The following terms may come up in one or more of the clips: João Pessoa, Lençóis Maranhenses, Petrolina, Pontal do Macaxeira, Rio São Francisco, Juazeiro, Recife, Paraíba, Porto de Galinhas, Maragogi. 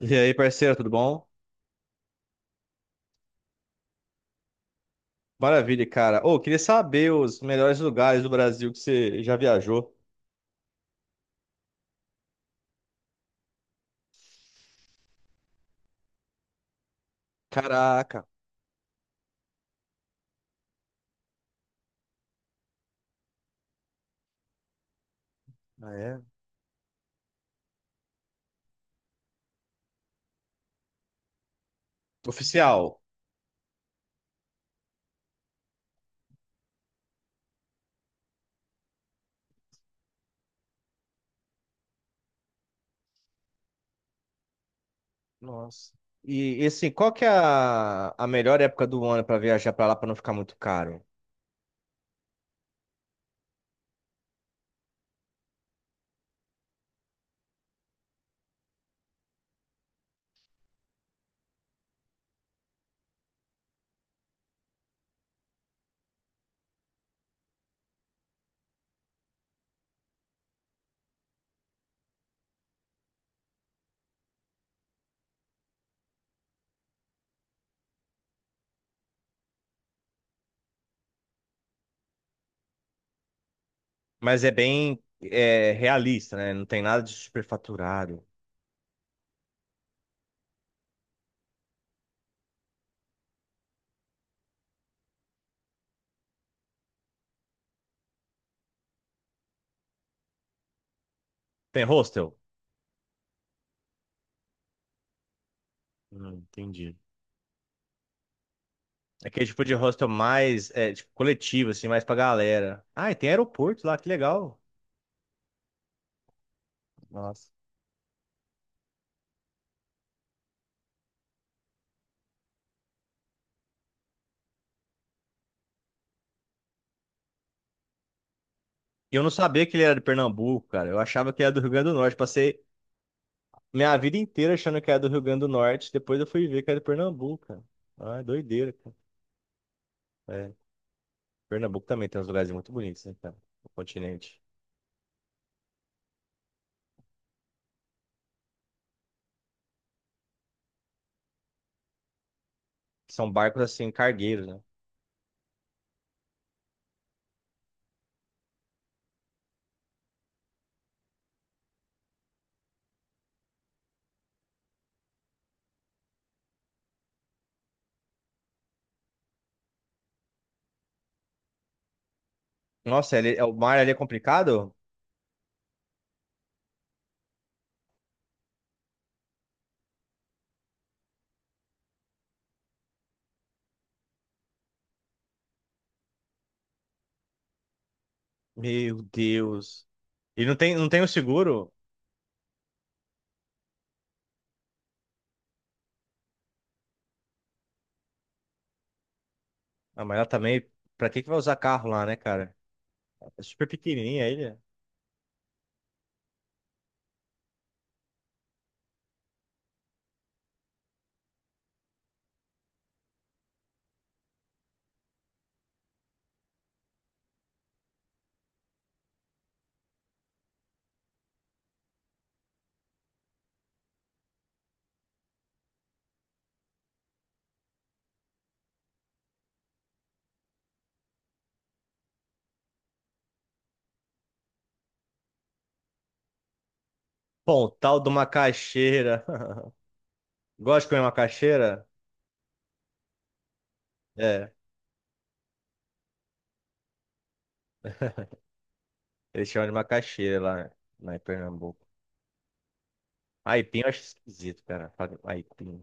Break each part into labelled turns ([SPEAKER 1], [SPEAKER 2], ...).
[SPEAKER 1] E aí, parceiro, tudo bom? Maravilha, cara. Ô, queria saber os melhores lugares do Brasil que você já viajou. Caraca, ah, é? Oficial. Nossa. Assim, qual que é a melhor época do ano pra viajar pra lá pra não ficar muito caro? Mas é bem realista, né? Não tem nada de superfaturado. Tem hostel. Não, entendi. Aquele tipo de hostel mais tipo, coletivo, assim, mais pra galera. Ah, e tem aeroporto lá, que legal. Nossa. E eu não sabia que ele era de Pernambuco, cara. Eu achava que era do Rio Grande do Norte. Passei minha vida inteira achando que era do Rio Grande do Norte. Depois eu fui ver que era de Pernambuco, cara. Ah, é doideira, cara. É. Pernambuco também tem uns lugares muito bonitos, né, cara? O continente. São barcos, assim, cargueiros, né? Nossa, o mar ali é complicado? Meu Deus. E não tem, não tem o seguro? Ah, mas ela também... Pra que que vai usar carro lá, né, cara? É super pequenininha a ilha. Pontal do Macaxeira. Gosta de comer macaxeira? É. Eles chamam de macaxeira lá, lá em Pernambuco. Aipim eu acho esquisito, cara. Fala Aipim.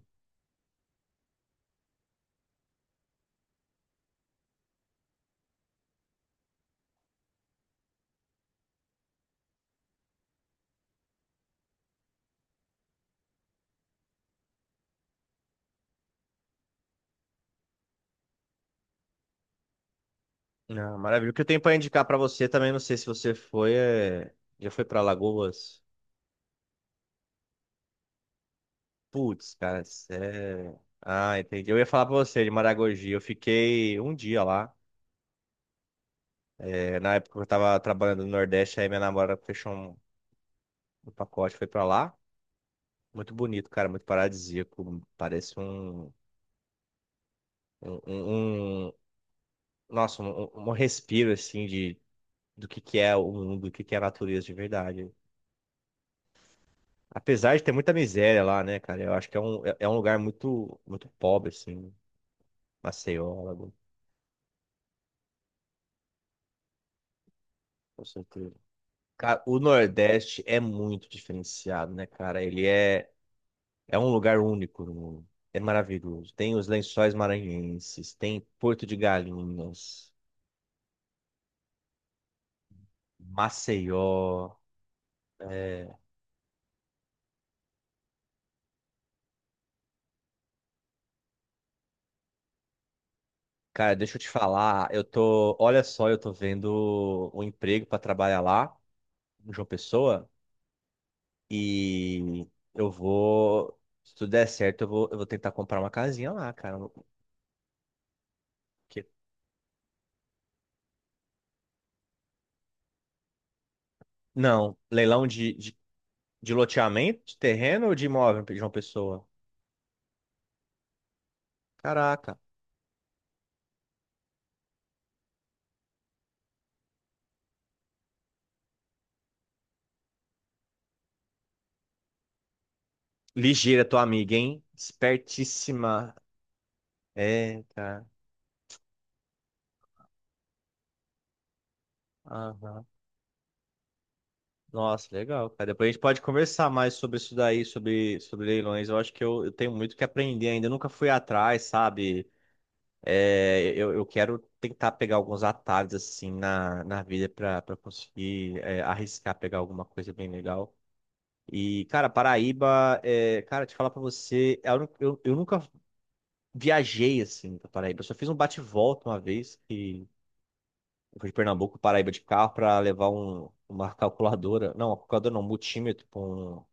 [SPEAKER 1] Não, maravilha. O que eu tenho pra indicar pra você também, não sei se você foi, é... já foi pra Lagoas? Putz, cara, sério. Ah, entendi. Eu ia falar pra você de Maragogi. Eu fiquei um dia lá. É, na época eu tava trabalhando no Nordeste, aí minha namorada fechou um pacote, foi pra lá. Muito bonito, cara, muito paradisíaco. Parece um, um, um- nossa, um respiro assim de do que é o mundo, do que é a natureza de verdade. Apesar de ter muita miséria lá, né, cara? Eu acho que é um, é é um lugar muito, muito pobre, assim, Maceió, Alagoas, com certeza. Cara, o Nordeste é muito diferenciado, né, cara? Ele é, é um lugar único no mundo. É maravilhoso. Tem os Lençóis Maranhenses, tem Porto de Galinhas, Maceió. É. Cara, deixa eu te falar, eu tô, olha só, eu tô vendo um emprego para trabalhar lá, em João Pessoa. E eu vou, se tudo der certo, eu vou tentar comprar uma casinha lá, cara. Porque- não, leilão de loteamento, de terreno ou de imóvel de uma pessoa? Caraca. Ligeira tua amiga, hein? Espertíssima. É, cara. Aham. Nossa, legal, cara. Depois a gente pode conversar mais sobre isso daí, sobre, sobre leilões. Eu acho que eu tenho muito o que aprender ainda. Eu nunca fui atrás, sabe? É, eu quero tentar pegar alguns atalhos assim na, na vida para conseguir é, arriscar pegar alguma coisa bem legal. E, cara, Paraíba, é, cara, te falar pra você, é a única- nunca viajei assim pra Paraíba. Eu só fiz um bate-volta uma vez que eu fui de Pernambuco, Paraíba de carro pra levar uma calculadora não, um multímetro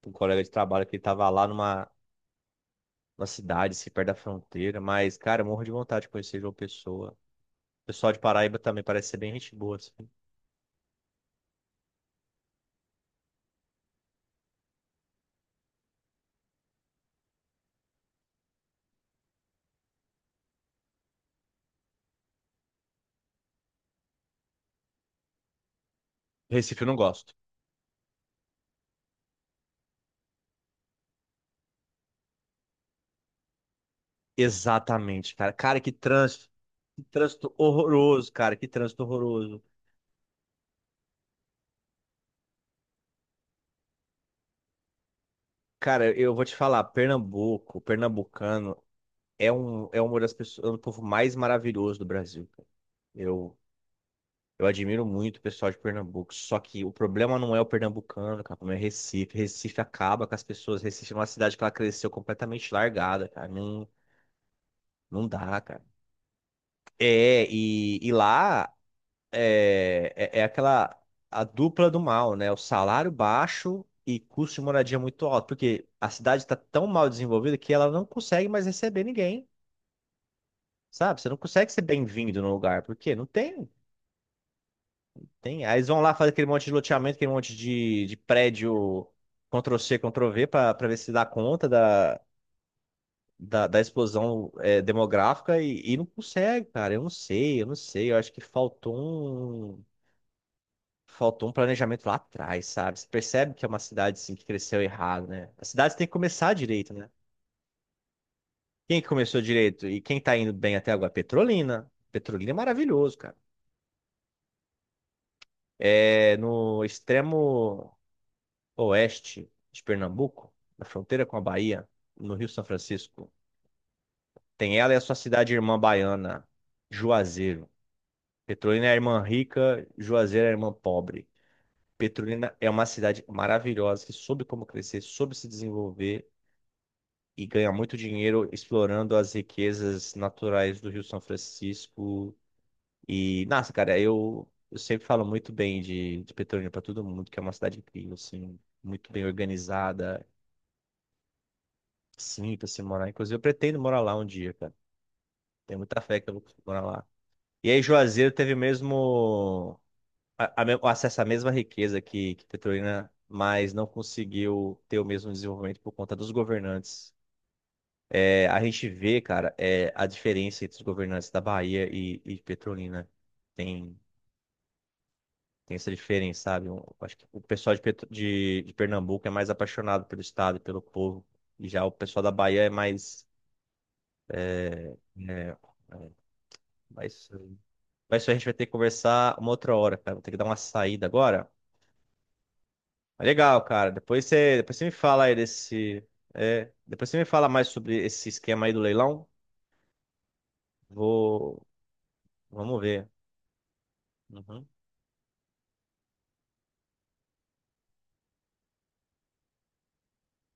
[SPEAKER 1] pra um colega de trabalho que ele tava lá numa, numa cidade, assim, perto da fronteira. Mas, cara, eu morro de vontade de conhecer João Pessoa. O pessoal de Paraíba também parece ser bem gente boa. Assim. Recife eu não gosto. Exatamente, cara. Cara, que trânsito. Que trânsito horroroso, cara. Que trânsito horroroso. Cara, eu vou te falar, Pernambuco, pernambucano é um é uma das pessoas, é um povo mais maravilhoso do Brasil, cara. Eu eu admiro muito o pessoal de Pernambuco, só que o problema não é o pernambucano, cara, o problema é Recife. Recife acaba com as pessoas. Recife é uma cidade que ela cresceu completamente largada, cara. Não não dá, cara. É, e lá é, é, é aquela a dupla do mal, né? O salário baixo e custo de moradia muito alto, porque a cidade está tão mal desenvolvida que ela não consegue mais receber ninguém, sabe? Você não consegue ser bem-vindo no lugar, porque não tem, tem. Aí eles vão lá fazer aquele monte de loteamento, aquele monte de prédio Ctrl-C, Ctrl-V para ver se dá conta da. Da explosão é, demográfica e não consegue, cara. Eu não sei, eu não sei. Eu acho que faltou um planejamento lá atrás, sabe? Você percebe que é uma cidade assim, que cresceu errado, né? As cidades têm que começar direito, né? Quem que começou direito e quem tá indo bem até agora? Petrolina. Petrolina é maravilhoso, cara. É no extremo oeste de Pernambuco, na fronteira com a Bahia, no Rio São Francisco. Tem ela e a sua cidade irmã baiana, Juazeiro. Petrolina é a irmã rica, Juazeiro é a irmã pobre. Petrolina é uma cidade maravilhosa que soube como crescer, soube se desenvolver e ganha muito dinheiro explorando as riquezas naturais do Rio São Francisco. E, nossa, cara, eu sempre falo muito bem de Petrolina para todo mundo, que é uma cidade incrível, assim, muito bem organizada, simples se morar. Inclusive, eu pretendo morar lá um dia, cara. Tenho muita fé que eu vou conseguir morar lá. E aí, Juazeiro teve mesmo o acesso à mesma riqueza que Petrolina, mas não conseguiu ter o mesmo desenvolvimento por conta dos governantes. É, a gente vê, cara, é, a diferença entre os governantes da Bahia e Petrolina. Tem, tem essa diferença, sabe? Um- acho que o pessoal de Pernambuco é mais apaixonado pelo Estado e pelo povo. E já o pessoal da Bahia é mais. É, mas, mas isso a gente vai ter que conversar uma outra hora, cara. Vou ter que dar uma saída agora. Mas legal, cara. Depois você me fala aí desse. É, depois você me fala mais sobre esse esquema aí do leilão. Vou. Vamos ver. Uhum.